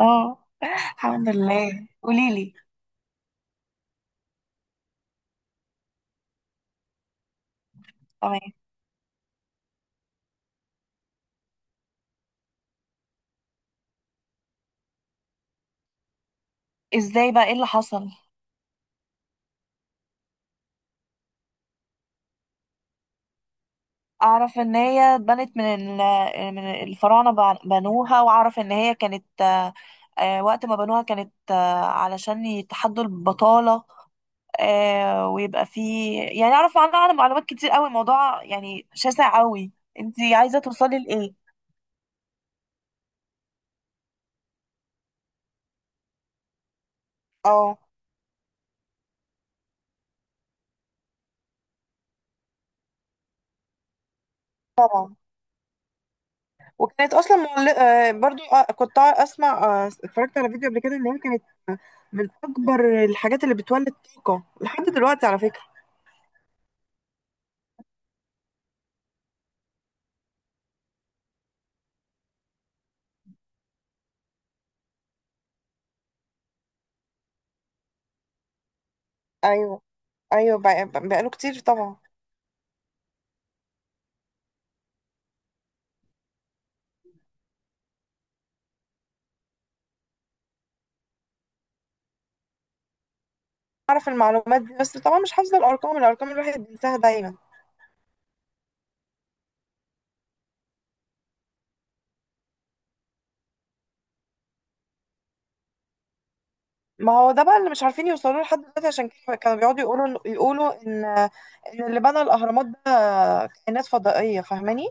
اه، الحمد لله، قولي لي. تمام. ازاي بقى، ايه اللي حصل؟ اعرف ان هي اتبنت من الفراعنه، بنوها، واعرف ان هي كانت، وقت ما بنوها كانت، علشان يتحدوا البطاله، ويبقى في، يعني اعرف عنها معلومات كتير قوي. الموضوع يعني شاسع قوي. انت عايزه توصلي لايه؟ اه طبعا. وكانت اصلا مغل... آه، برضو، كنت اسمع، اتفرجت على فيديو قبل كده ان هي كانت، آه، من اكبر الحاجات اللي بتولد طاقه لحد دلوقتي على فكره. ايوه، بقاله كتير طبعا. اعرف المعلومات دي، بس طبعا مش حافظه الارقام، الواحد بينساها دايما. ما هو ده بقى اللي مش عارفين يوصلوا له لحد دلوقتي، عشان كده كانوا بيقعدوا يقولوا ان، ان اللي بنى الاهرامات ده كائنات فضائيه، فاهماني.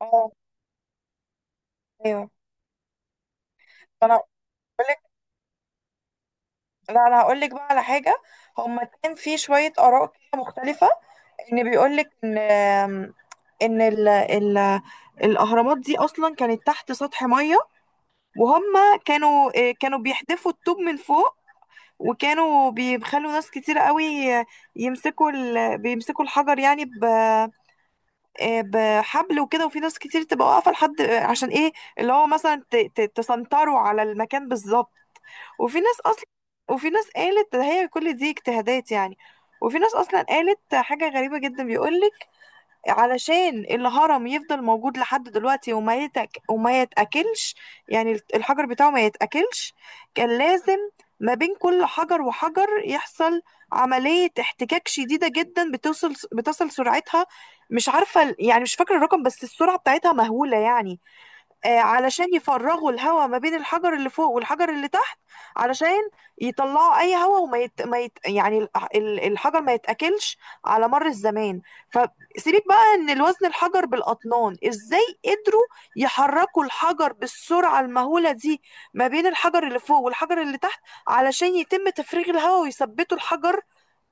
اه. ايوه. انا هقول لك لا انا هقول لك بقى على حاجه. هما كان في شويه اراء كده مختلفه. ان بيقولك ان، ان ال ال الاهرامات دي اصلا كانت تحت سطح ميه، وهم كانوا، كانوا بيحدفوا الطوب من فوق، وكانوا بيخلوا ناس كتير قوي بيمسكوا الحجر يعني ب...، بحبل وكده، وفي ناس كتير تبقى واقفه لحد، عشان ايه، اللي هو مثلا تسنطروا على المكان بالظبط. وفي ناس اصلا وفي ناس قالت هي كل دي اجتهادات يعني. وفي ناس اصلا قالت حاجه غريبه جدا، بيقولك علشان الهرم يفضل موجود لحد دلوقتي، وما يتأكلش، يعني الحجر بتاعه ما يتأكلش، كان لازم ما بين كل حجر وحجر يحصل عملية احتكاك شديدة جدا، بتصل سرعتها، مش عارفة يعني مش فاكرة الرقم، بس السرعة بتاعتها مهولة يعني، علشان يفرغوا الهواء ما بين الحجر اللي فوق والحجر اللي تحت، علشان يطلعوا اي هواء، وما يت... ما يت... يعني ال- ال- الحجر ما يتاكلش على مر الزمان. فسيبك بقى ان الوزن الحجر بالاطنان، ازاي قدروا يحركوا الحجر بالسرعه المهوله دي ما بين الحجر اللي فوق والحجر اللي تحت، علشان يتم تفريغ الهواء ويثبتوا الحجر،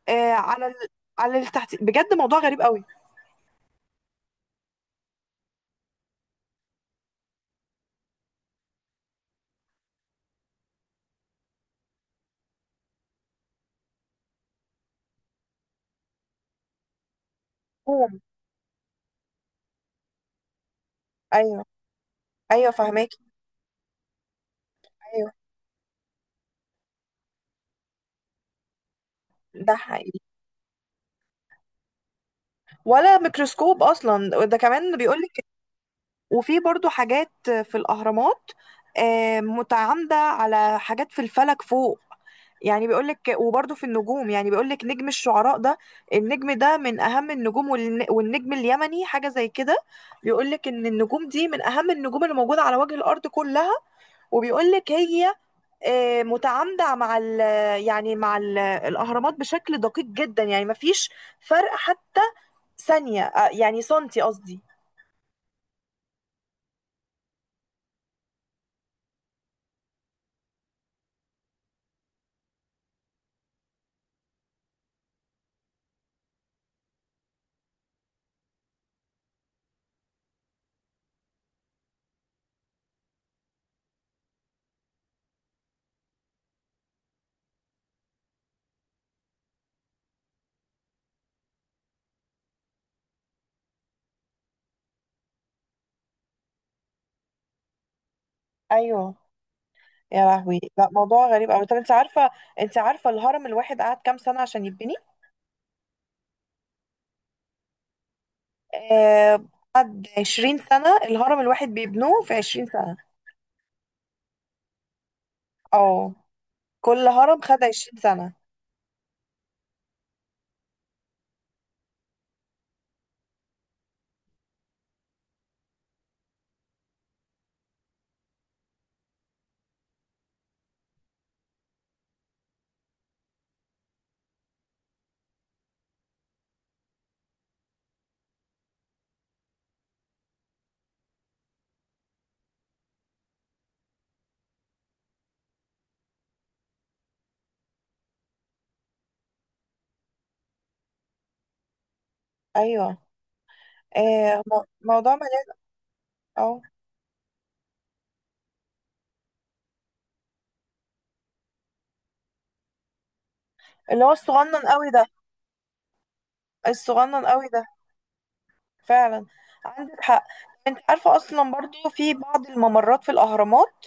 آه، على ال... على اللي تحت. بجد موضوع غريب قوي. أوه. ايوه، ايوه فهماكي. ايوه ده حقيقي. ولا ميكروسكوب اصلا ده كمان بيقولك. وفي برضو حاجات في الاهرامات، متعامده على حاجات في الفلك فوق، يعني بيقولك، وبرضو في النجوم يعني بيقولك نجم الشعراء ده، النجم ده من اهم النجوم، والنجم اليمني حاجه زي كده. بيقولك ان النجوم دي من اهم النجوم اللي موجوده على وجه الارض كلها، وبيقولك هي، متعامده مع ال يعني مع ال الاهرامات بشكل دقيق جدا، يعني مفيش فرق حتى ثانيه، يعني سنتي قصدي. ايوه. يا لهوي، لا موضوع غريب قوي. طب انت عارفه انت عارفه الهرم الواحد قعد كام سنه عشان يبني؟ آه، قعد 20 سنه. الهرم الواحد بيبنوه في 20 سنه. اه كل هرم خد 20 سنه. ايوه، آه، مو- موضوع مليان. اه اللي هو الصغنن قوي ده. الصغنن قوي ده فعلا، عندك حق. انت عارفة اصلا برضو في بعض الممرات في الاهرامات،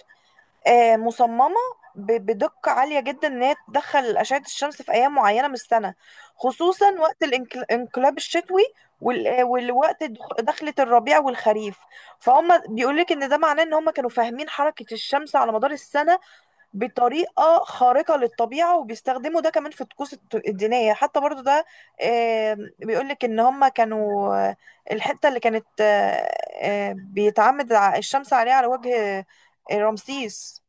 مصممة بدقة عالية جدا، ان هي تدخل اشعة الشمس في ايام معينة من السنة، خصوصا وقت الانقلاب الشتوي، والوقت دخلة الربيع والخريف. فهم بيقولك ان ده معناه ان هم كانوا فاهمين حركة الشمس على مدار السنة بطريقة خارقة للطبيعة، وبيستخدموا ده كمان في الطقوس الدينية، حتى برضو ده، بيقولك ان هم كانوا، الحتة اللي كانت، بيتعمد الشمس عليها على وجه، رمسيس،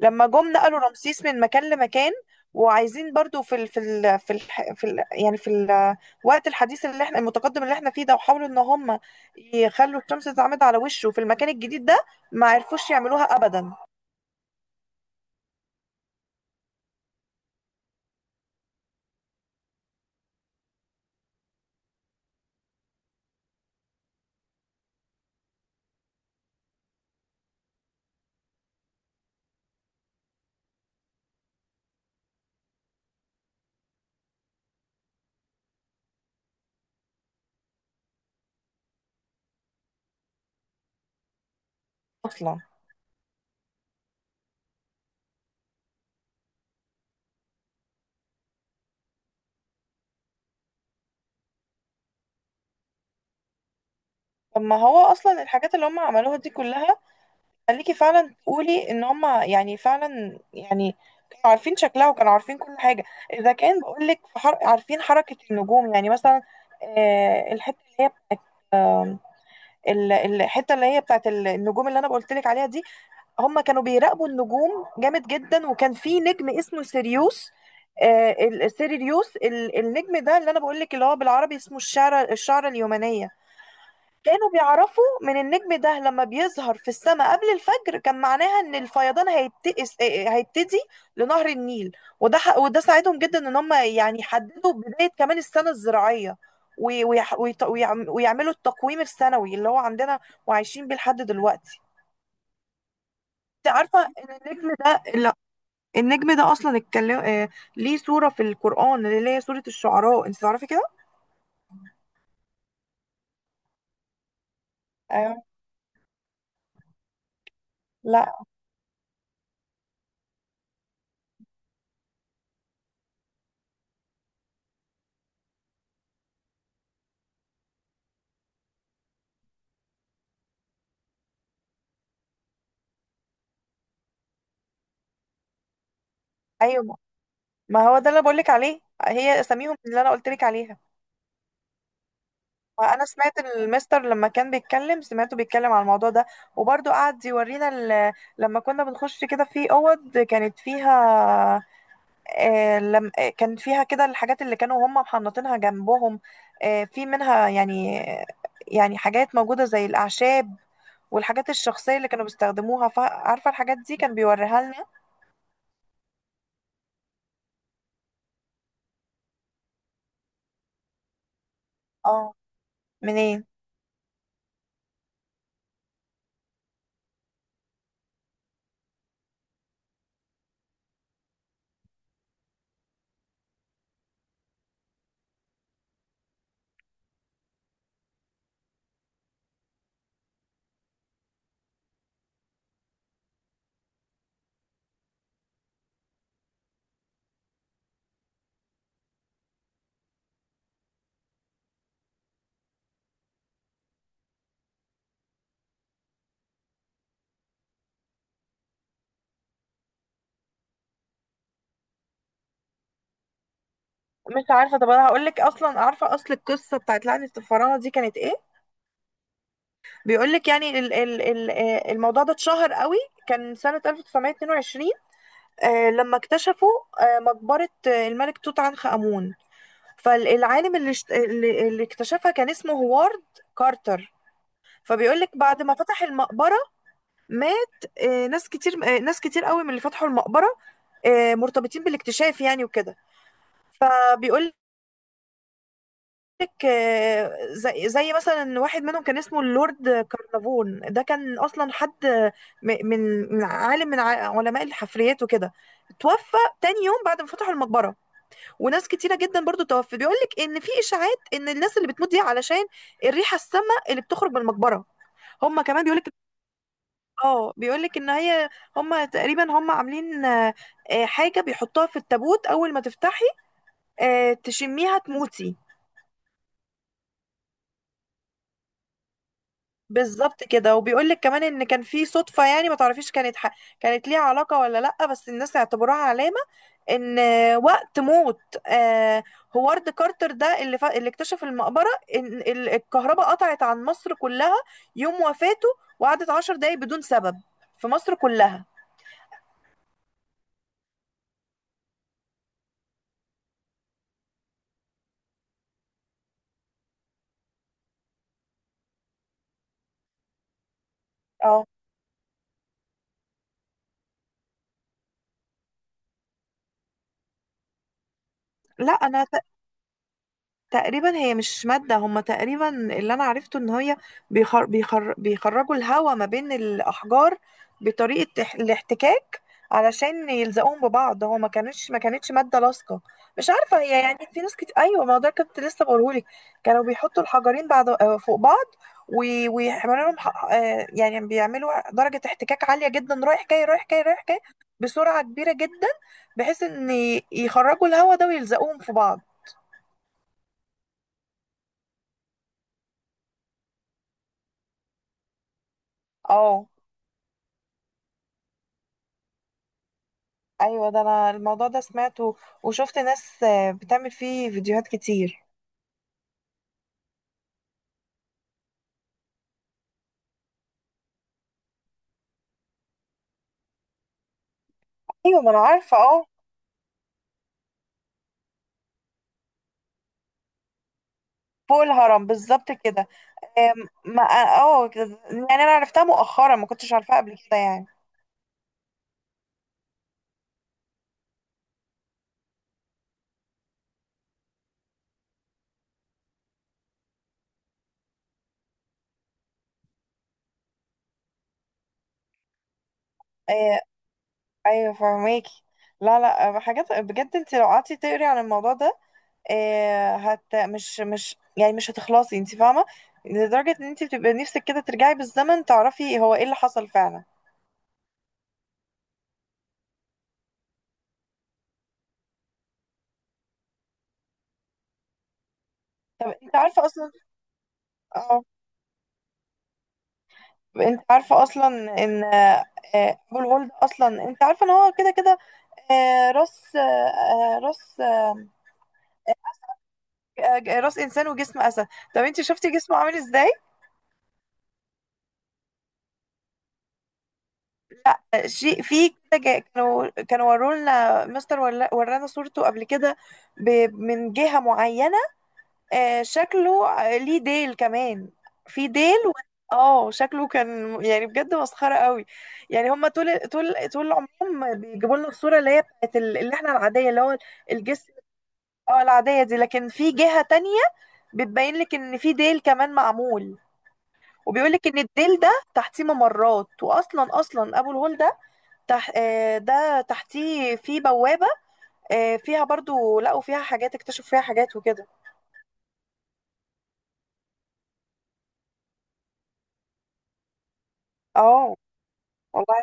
لما جم نقلوا رمسيس من مكان لمكان. وعايزين برضو في ال يعني في الوقت الحديث اللي احنا المتقدم اللي احنا فيه ده، وحاولوا ان هم يخلوا الشمس تتعمد على وشه في المكان الجديد ده، ما عرفوش يعملوها ابدا اصلا. طب ما هو اصلا الحاجات اللي هم عملوها دي كلها، خليكي فعلا تقولي ان هم يعني فعلا يعني كانوا عارفين شكلها وكانوا عارفين كل حاجه. اذا كان بقول لك عارفين حركه النجوم يعني مثلا، آه، الحته اللي هي بتاعت آه، الحته اللي هي بتاعت النجوم اللي انا قلت لك عليها دي. هم كانوا بيراقبوا النجوم جامد جدا، وكان في نجم اسمه سيريوس، النجم ده اللي انا بقول لك، اللي هو بالعربي اسمه الشعره اليمنيه. كانوا بيعرفوا من النجم ده لما بيظهر في السماء قبل الفجر كان معناها ان الفيضان هيبتئس آه، آه، هيبتدي لنهر النيل. وده ساعدهم جدا ان هم يعني يحددوا بداية كمان السنة الزراعية، ويعملوا التقويم السنوي اللي هو عندنا، وعايشين بيه لحد دلوقتي. انت عارفة ان النجم ده، لا النجم ده اصلا اتكلم، ليه سورة في القرآن اللي هي سورة الشعراء، انت تعرفي كده؟ أيوة. لا. ايوه ما هو ده اللي بقولك عليه، هي اساميهم اللي انا قلتلك عليها. وانا سمعت المستر لما كان بيتكلم سمعته بيتكلم على الموضوع ده، وبرضه قعد يورينا لما كنا بنخش كده في اوض كانت فيها، آه، لم آه، كان فيها كده الحاجات اللي كانوا هم محنطينها جنبهم، في منها يعني، يعني حاجات موجودة زي الاعشاب والحاجات الشخصية اللي كانوا بيستخدموها، عارفة الحاجات دي كان بيوريها لنا. اه منين. مش عارفة، طب انا هقولك اصلا عارفة اصل القصة بتاعت لعنة الفراعنة دي كانت ايه. بيقولك يعني الموضوع ده اتشهر قوي، كان سنة 1922، لما اكتشفوا، مقبرة، الملك توت عنخ آمون. فالعالم اللي اشت- اللي اللي اكتشفها كان اسمه هوارد كارتر. فبيقولك بعد ما فتح المقبرة مات، ناس كتير قوي من اللي فتحوا المقبرة، مرتبطين بالاكتشاف يعني وكده. فبيقول لك، آه، زي زي مثلا واحد منهم كان اسمه اللورد كارنافون، ده كان اصلا حد م- من من علماء الحفريات وكده، توفى تاني يوم بعد ما فتحوا المقبره، وناس كتيره جدا برضو توفت. بيقول لك ان في اشاعات ان الناس اللي بتموت دي علشان الريحه السامه اللي بتخرج من المقبره. هم كمان بيقول لك، اه بيقول لك ان هي، هم تقريبا هم عاملين، حاجه بيحطوها في التابوت، اول ما تفتحي، تشميها تموتي. بالظبط كده. وبيقول لك كمان ان كان في صدفه يعني، ما تعرفيش كانت كانت ليها علاقه ولا لا، بس الناس اعتبروها علامه ان وقت موت، آه، هوارد كارتر ده اللي اكتشف المقبره، ان الكهرباء قطعت عن مصر كلها يوم وفاته، وقعدت عشر دقايق بدون سبب في مصر كلها. اه. لا انا تقريبا هي مش مادة، هما تقريبا اللي أنا عرفته إن هي، بيخرجوا الهواء ما بين الأحجار بطريقة الاحتكاك، علشان يلزقوهم ببعض. هو ما كانتش مادة لاصقة. مش عارفة هي، يعني في ناس كتير، أيوة ما هو ده كنت لسه بقولهولك، كانوا بيحطوا الحجرين بعض، فوق بعض، و- ويعملوا لهم ح- آه، يعني بيعملوا درجة احتكاك عالية جدا، رايح جاي، بسرعة كبيرة جدا، بحيث إن يخرجوا الهواء ده ويلزقوهم في بعض. اه. ايوه ده انا الموضوع ده سمعته، وشفت ناس، بتعمل فيه فيديوهات كتير. ايوه ما انا عارفه اه. فوق الهرم بالظبط كده. آم، ما اه كده- يعني انا عرفتها مؤخرا، ما كنتش عارفاها قبل كده يعني. آه، ايوه فهماكي. لا لا آه، حاجات بجد، انت لو قعدتي تقري عن الموضوع ده، آه، هت مش مش هتخلصي، انت فاهمه، لدرجه ان انت بتبقى نفسك كده ترجعي بالزمن تعرفي هو ايه اللي حصل فعلا. طب انت عارفه اصلا، اه انت عارفة اصلا ان، ابو الهول ده اصلا انت عارفة ان هو كده كده، آه، راس آه، آه، راس آه، آه، راس انسان وجسم اسد. طب انت شفتي جسمه عامل ازاي؟ آه، شيء في كده جا- كانوا كانوا ورونا مستر ورانا صورته قبل كده من جهة معينة، آه شكله، ليه ديل كمان، في ديل اه شكله كان، يعني بجد مسخرة قوي. يعني هما طول عمرهم بيجيبوا لنا الصورة اللي هي بتاعت اللي احنا العادية، اللي هو الجسم، اه العادية دي. لكن في جهة تانية بتبين لك ان في ديل كمان معمول، وبيقول لك ان الديل ده تحتيه ممرات، اصلا ابو الهول ده تح... آه، ده تحتيه في بوابة، فيها برضو لقوا فيها حاجات، اكتشفوا فيها حاجات وكده. اه والله.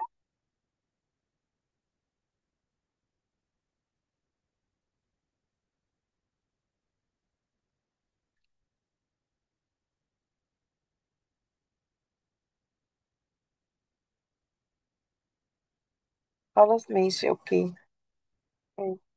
خلاص ماشي، اوكي. أيوة.